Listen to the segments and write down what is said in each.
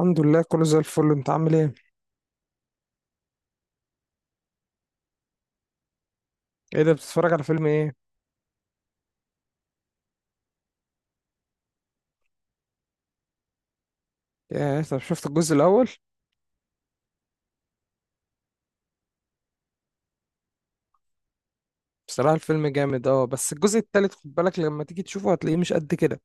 الحمد لله كله زي الفل. انت عامل ايه؟ ايه ده، بتتفرج على فيلم ايه؟ يا طب شفت الجزء الاول. بصراحة الفيلم جامد اه، بس الجزء التالت خد بالك لما تيجي تشوفه هتلاقيه مش قد كده.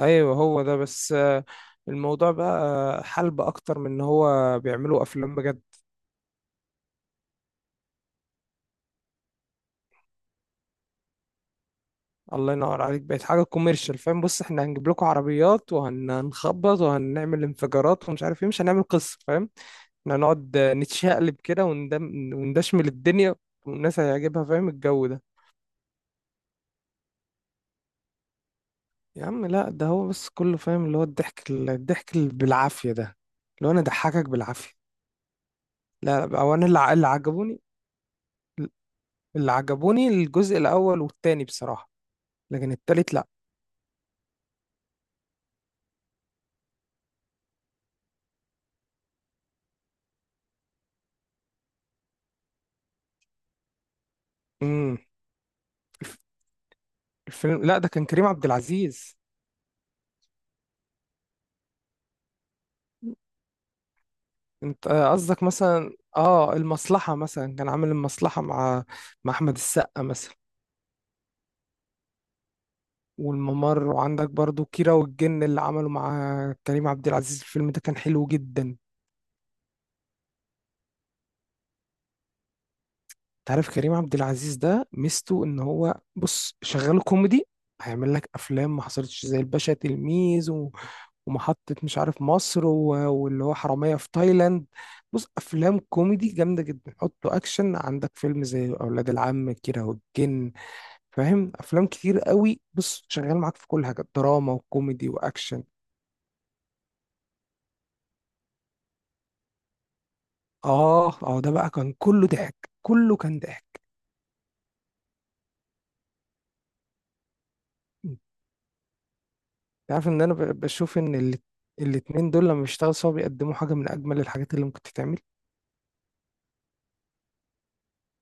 ايوه هو ده بس. الموضوع بقى حلب اكتر من ان هو بيعملوا افلام بجد. الله ينور عليك، بقت حاجة كوميرشال، فاهم؟ بص، احنا هنجيب لكم عربيات وهنخبط وهنعمل انفجارات ومش عارف ايه، مش هنعمل قصة، فاهم؟ احنا هنقعد نتشقلب كده وندشمل الدنيا، والناس هيعجبها، فاهم الجو ده؟ يا عم لا، ده هو بس كله فاهم اللي هو الضحك اللي بالعافية ده، اللي هو انا ضحكك بالعافية. لا لا، او انا اللي عجبوني، اللي عجبوني الجزء الاول والتاني بصراحة، لكن التالت لا. امم. الف- الفيلم لا ده كان كريم عبد العزيز. انت، قصدك مثلا اه المصلحة؟ مثلا كان عامل المصلحة مع مع احمد السقا مثلا. والممر وعندك برضو كيرة والجن اللي عمله مع كريم عبد العزيز، الفيلم ده كان حلو جدا. تعرف كريم عبد العزيز ده ميزته ان هو، بص شغال كوميدي، هيعمل لك افلام ما حصلتش زي الباشا تلميذ و... ومحطة مش عارف مصر و... واللي هو حرامية في تايلاند. بص افلام كوميدي جامدة جدا. حطه اكشن، عندك فيلم زي اولاد العم، كيرة والجن، فاهم؟ افلام كتير قوي. بص شغال معاك في كل حاجة، دراما وكوميدي واكشن. اه اه، ده بقى كان كله ضحك، كله كان ضحك. عارف ان انا بشوف ان الاتنين دول لما بيشتغلوا سوا بيقدموا حاجه من اجمل الحاجات اللي ممكن تتعمل.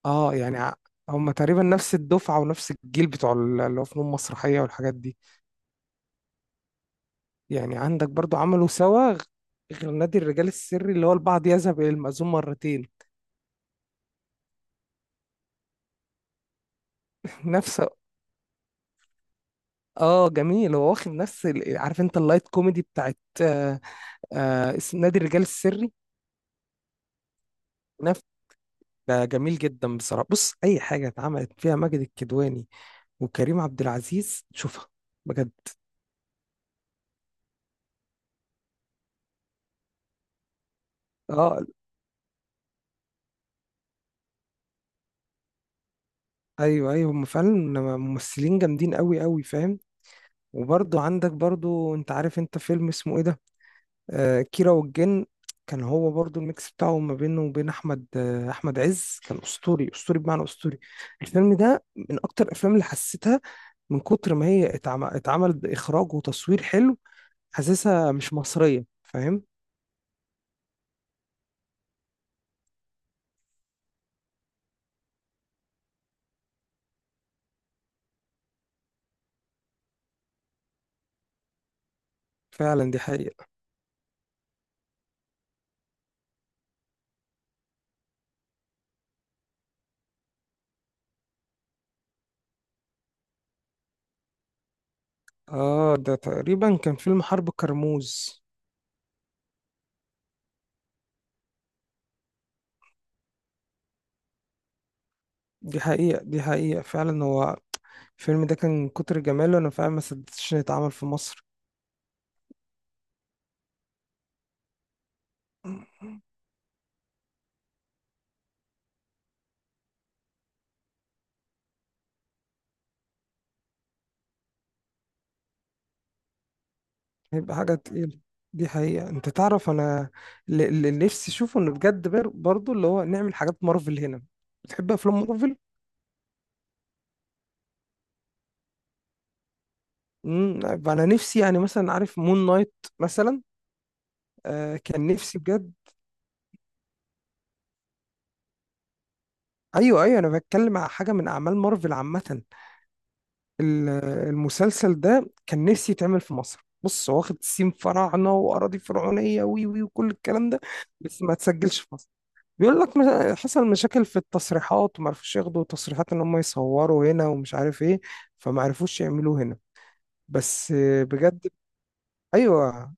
اه يعني هما تقريبا نفس الدفعه ونفس الجيل بتوع اللي هو فنون مسرحيه والحاجات دي. يعني عندك برضو عملوا سوا غير نادي الرجال السري، اللي هو البعض يذهب الى المأذون مرتين. نفس اه جميل. هو واخد نفس عارف انت اللايت كوميدي بتاعت نادي الرجال السري. ده جميل جدا بصراحة. بص أي حاجة اتعملت فيها ماجد الكدواني وكريم عبد العزيز شوفها بجد. اه ايوه ايوه، هم فعلا ممثلين جامدين قوي قوي، فاهم؟ وبرضه عندك برضه، انت عارف انت فيلم اسمه ايه ده، كيرة والجن؟ كان هو برضه الميكس بتاعه ما بينه وبين احمد احمد عز كان اسطوري، اسطوري بمعنى اسطوري. الفيلم ده من اكتر الافلام اللي حسيتها، من كتر ما هي اتعمل اخراج وتصوير حلو، حاسسها مش مصرية، فاهم؟ فعلا دي حقيقة. اه ده تقريبا كان فيلم حرب كرموز. دي حقيقة، دي حقيقة فعلا. هو الفيلم ده كان من كتر جماله انا فعلا ما صدقتش انه يتعمل في مصر. هيبقى حاجة تقيلة. دي حقيقة. انت تعرف انا اللي اللي نفسي اشوفه انه بجد برضو اللي هو نعمل حاجات مارفل هنا. بتحب افلام مارفل؟ امم. انا نفسي يعني مثلا، عارف مون نايت مثلا؟ كان نفسي بجد. ايوه ايوه، انا بتكلم على حاجة من اعمال مارفل عامة. ال- المسلسل ده كان نفسي يتعمل في مصر. بص هو واخد سيم فراعنه واراضي فرعونيه وي وي وكل الكلام ده. بس ما تسجلش في مصر، بيقول لك حصل مشاكل في التصريحات وما عرفوش ياخدوا تصريحات ان هم يصوروا هنا ومش عارف ايه، فما عرفوش يعملوه هنا. بس بجد ايوه،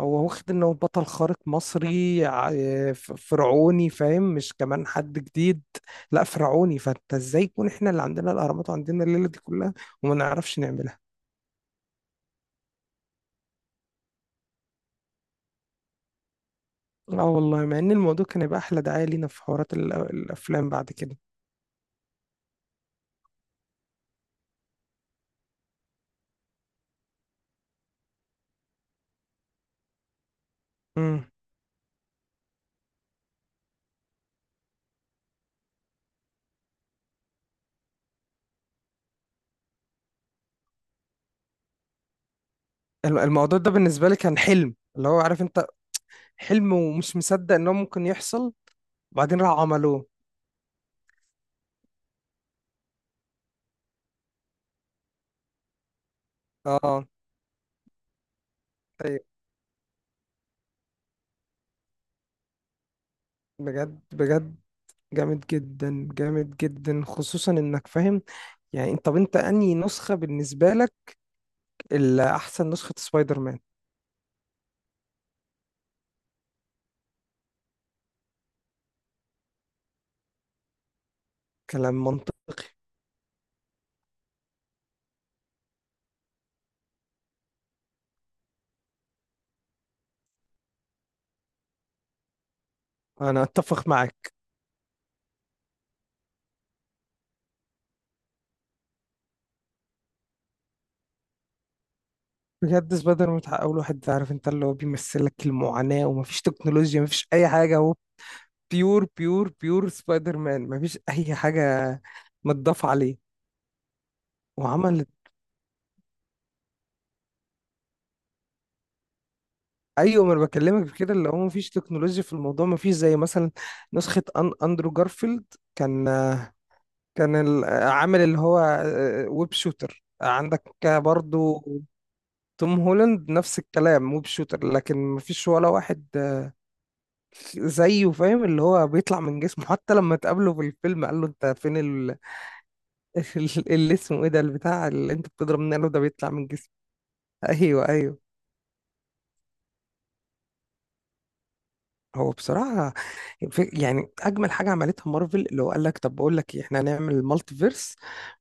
هو واخد انه بطل خارق مصري فرعوني، فاهم؟ مش كمان حد جديد، لا فرعوني. فانت ازاي يكون احنا اللي عندنا الاهرامات وعندنا الليله دي كلها وما نعرفش نعملها؟ اه والله، مع ان الموضوع كان يبقى احلى دعاية لينا في حوارات الافلام بعد كده. امم. الموضوع ده بالنسبة لي كان حلم، اللي هو عارف انت، حلم ومش مصدق ان هو ممكن يحصل، وبعدين راحوا عملوه. اه طيب. بجد بجد جامد جدا، جامد جدا، خصوصا انك فاهم يعني. انت طب انت انهي نسخة بالنسبة لك اللي احسن نسخة سبايدر مان؟ كلام منطقي. انا اتفق معاك. بجد، سبايدر مان بتاع اول واحد، عارف انت، اللي هو بيمثلك المعاناة ومفيش تكنولوجيا، مفيش اي حاجة. بيور بيور بيور سبايدر مان، مفيش اي حاجه متضاف عليه. وعملت ايوه، ما انا بكلمك في كده، اللي هو مفيش تكنولوجيا في الموضوع، مفيش زي مثلا نسخه أن اندرو جارفيلد، كان كان عامل اللي هو ويب شوتر. عندك برضو توم هولاند نفس الكلام ويب شوتر، لكن مفيش ولا واحد زيه، فاهم؟ اللي هو بيطلع من جسمه، حتى لما تقابله في الفيلم قال له انت فين ال... اللي اسمه ايه ده، البتاع اللي انت بتضرب منه، قال له ده بيطلع من جسمه. ايوه ايوه. هو بصراحه في يعني اجمل حاجه عملتها مارفل، اللي هو قال لك طب بقول لك إيه؟ احنا هنعمل مالتي فيرس،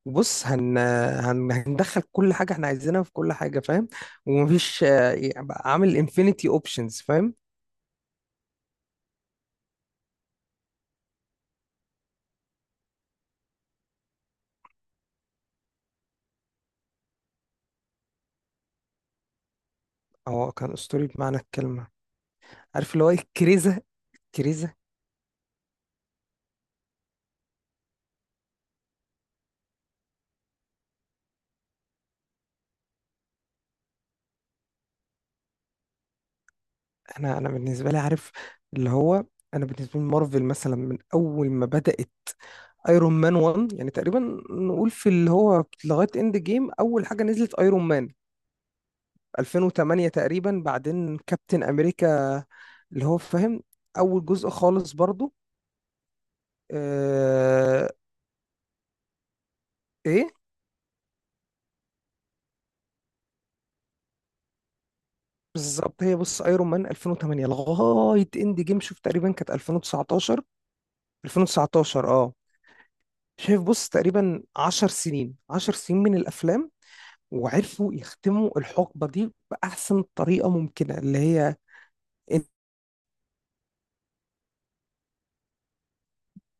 وبص هندخل كل حاجه احنا عايزينها في كل حاجه، فاهم؟ ومفيش. يعني بقى عامل انفينيتي اوبشنز، فاهم؟ هو كان اسطوري بمعنى الكلمه. عارف اللي هو إيه؟ كريزه، كريزه. انا بالنسبه لي، عارف اللي هو، انا بالنسبه لي مارفل مثلا من اول ما بدات ايرون مان 1 يعني تقريبا، نقول في اللي هو لغايه اند جيم. اول حاجه نزلت ايرون مان 2008 تقريبا، بعدين كابتن امريكا اللي هو فاهم، اول جزء خالص برضو. آه ايه بالظبط. هي بص، ايرون مان 2008 لغايه اند جيم شوف تقريبا كانت 2019. 2019 اه. شايف، بص تقريبا 10 سنين، 10 سنين من الافلام، وعرفوا يختموا الحقبه دي باحسن طريقه ممكنه، اللي هي إن-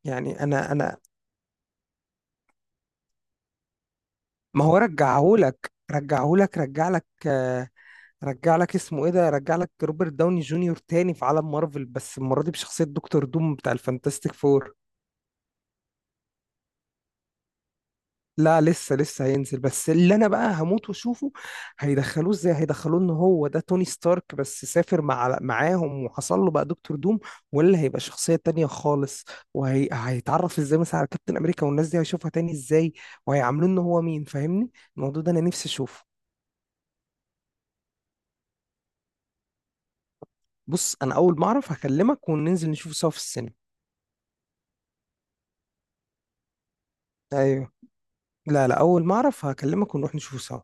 يعني انا ما هو. رجع لك رجع لك اسمه ايه ده، رجع لك روبرت داوني جونيور تاني في عالم مارفل بس المره دي بشخصيه دكتور دوم بتاع الفانتاستيك فور. لا لسه لسه هينزل، بس اللي انا بقى هموت واشوفه، هيدخلوه ازاي؟ هيدخلوه ان هو ده توني ستارك بس سافر مع معاهم وحصل له بقى دكتور دوم، ولا هيبقى شخصيه تانية خالص؟ وهيتعرف ازاي مثلا على كابتن امريكا والناس دي هيشوفها تاني ازاي، وهيعاملوه ان هو مين، فاهمني؟ الموضوع ده انا نفسي اشوفه. بص انا اول ما اعرف هكلمك وننزل نشوفه سوا في السينما. ايوه. لا لا، اول ما اعرف هكلمك ونروح نشوفه سوا.